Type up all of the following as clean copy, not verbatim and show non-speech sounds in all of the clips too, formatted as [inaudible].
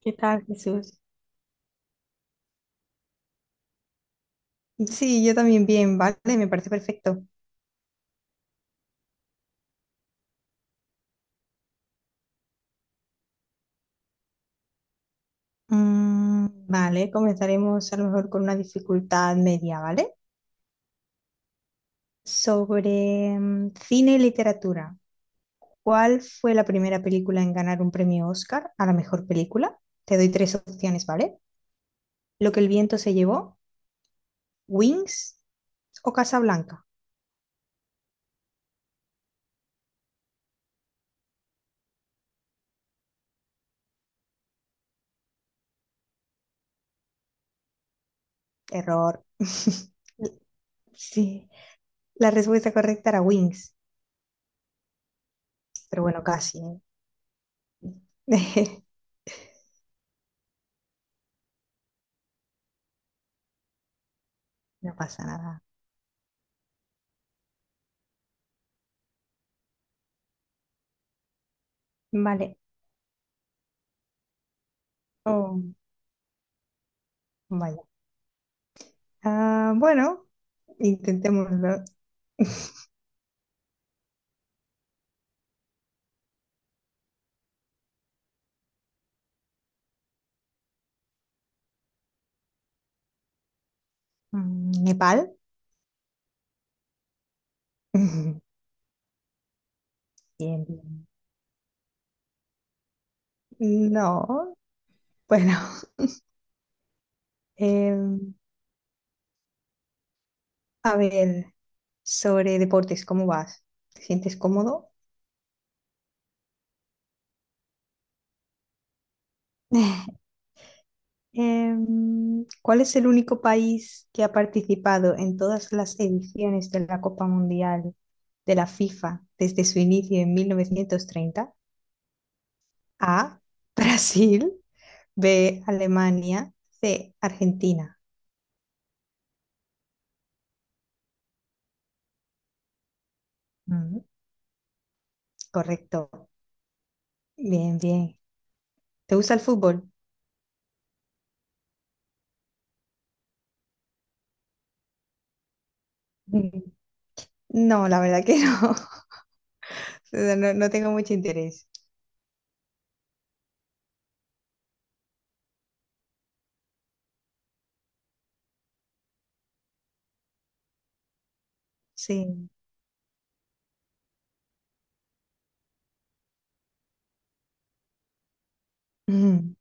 ¿Qué tal, Jesús? Sí, yo también bien, vale, me parece perfecto. Mm, vale, comenzaremos a lo mejor con una dificultad media, ¿vale? Sobre cine y literatura. ¿Cuál fue la primera película en ganar un premio Oscar a la mejor película? Te doy tres opciones, ¿vale? Lo que el viento se llevó, Wings o Casablanca. Error. [laughs] Sí, la respuesta correcta era Wings, pero bueno, casi, ¿eh? [laughs] No pasa nada. Vale. Oh, vaya. Ah, bueno, intentémoslo. ¿Nepal? [laughs] Bien, bien. No, bueno. [laughs] Em, a ver, sobre deportes, ¿cómo vas? ¿Te sientes cómodo? [laughs] ¿Cuál es el único país que ha participado en todas las ediciones de la Copa Mundial de la FIFA desde su inicio en 1930? A. [laughs] Brasil. B, Alemania, C, Argentina. Mm, correcto. Bien, bien. ¿Te gusta el fútbol? Mm, No, la verdad que no. [laughs] O sea, no, no tengo mucho interés. Sí. Mm,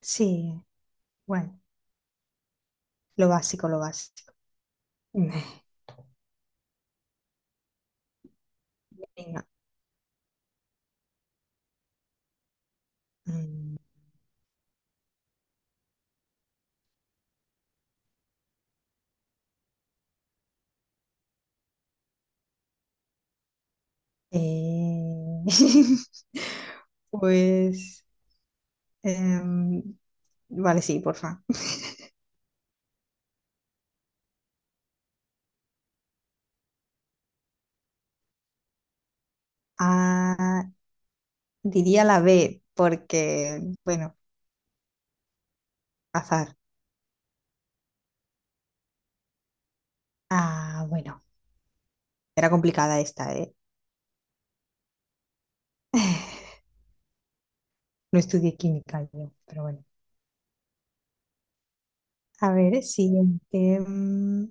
sí. Bueno, lo básico, lo básico. [laughs] Mm, Venga. Mm, eh, [laughs] pues, em, vale, sí, porfa. Ah, diría la B, porque, bueno, azar. Ah, bueno. Era complicada esta, ¿eh? [laughs] No estudié química yo, pero bueno. A ver, siguiente.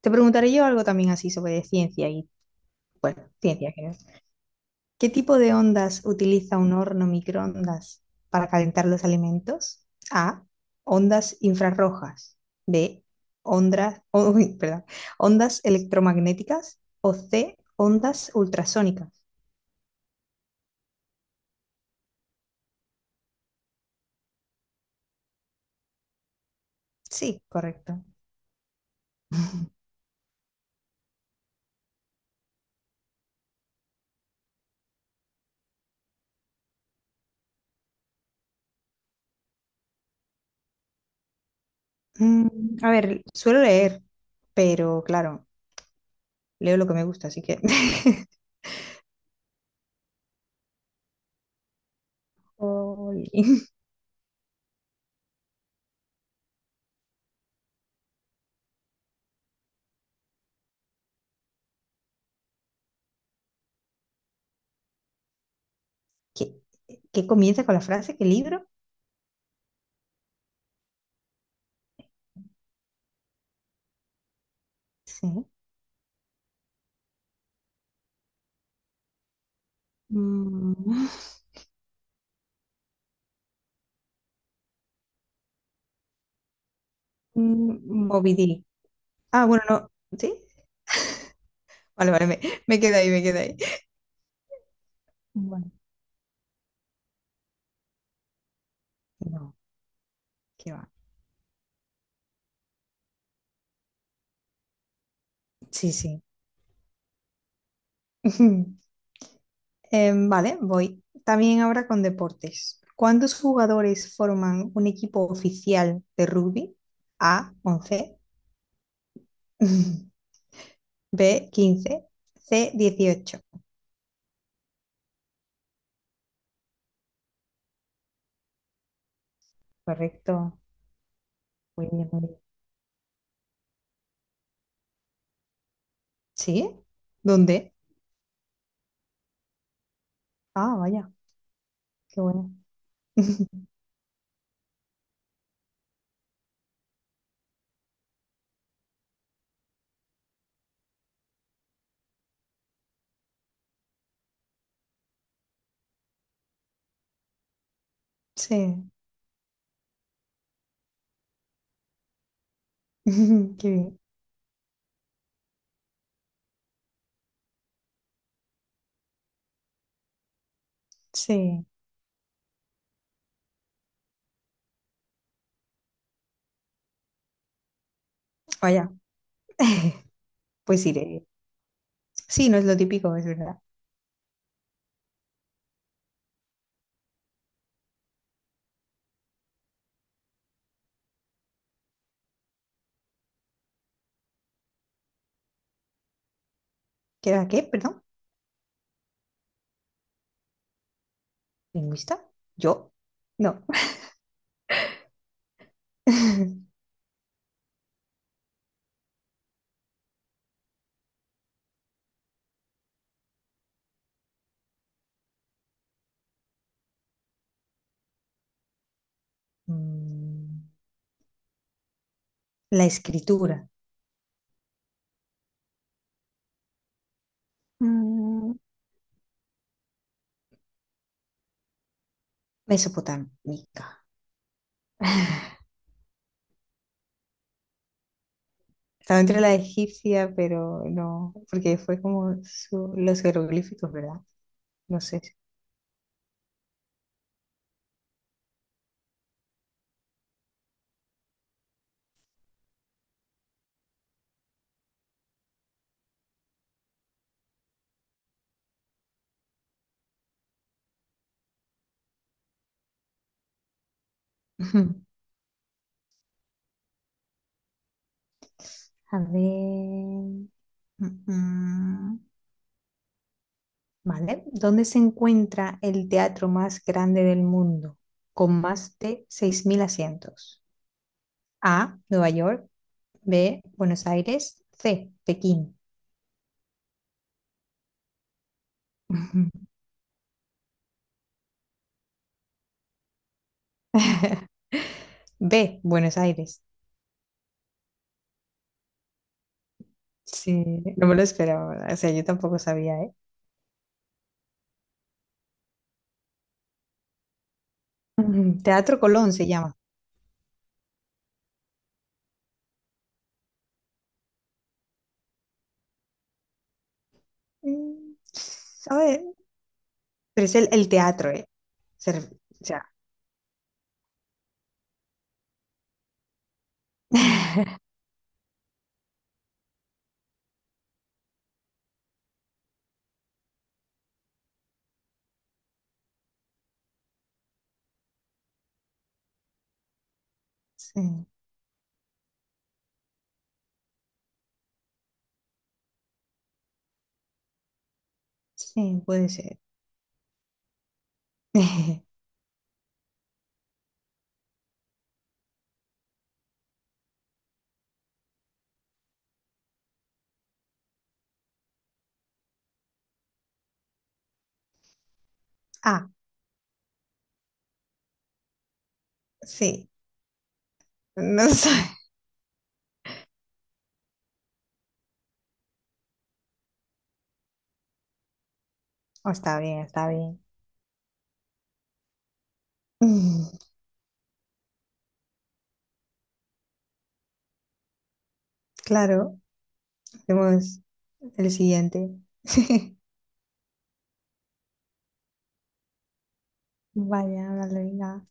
Te preguntaré yo algo también así sobre ciencia y, bueno, ciencia en general. ¿Qué tipo de ondas utiliza un horno microondas para calentar los alimentos? A. Ondas infrarrojas. B. Ondas, [laughs] uy, perdón, ondas electromagnéticas. O C. Ondas ultrasónicas. Sí, correcto. A ver, suelo leer, pero claro. Leo lo que me gusta, así que. [laughs] Jolín. ¿Qué, qué comienza con la frase? ¿Qué libro? Sí. Mm, Moby Dick. Ah, bueno, no. ¿Sí? Vale, vale, me quedé ahí, me quedé ahí. Bueno, no, qué va. Sí, sí. [laughs] Vale, voy. También ahora con deportes. ¿Cuántos jugadores forman un equipo oficial de rugby? A, 11. [laughs] B, 15. C, 18. Correcto. Muy bien, muy bien. ¿Sí? ¿Dónde? Ah, vaya, qué bueno. [laughs] Sí, [laughs] qué bien. Sí, vaya. [laughs] Pues iré. Sí, no es lo típico, es verdad. ¿Qué era qué? Perdón. ¿Lingüista? ¿Yo? No. [laughs] Mm, la escritura. Mm, Mesopotámica. Estaba entre la egipcia, pero no, porque fue como los jeroglíficos, ¿verdad? No sé. [laughs] A ver. Mm, mm. ¿Vale? ¿Dónde se encuentra el teatro más grande del mundo, con más de 6.000 asientos? A, Nueva York, B, Buenos Aires, C, Pekín. [laughs] B, Buenos Aires. Sí, no me lo esperaba, o sea, yo tampoco sabía, ¿eh? Ujú. Teatro Colón se llama. Mm, ¿sabes? Pero es el teatro, ¿eh? Se ref- o sea, [laughs] sí, sí, puede ser. [laughs] Ah, sí, no sé. Oh, está bien, está bien. [laughs] Mm, claro, hacemos el siguiente. [laughs] Vaya, dale, venga.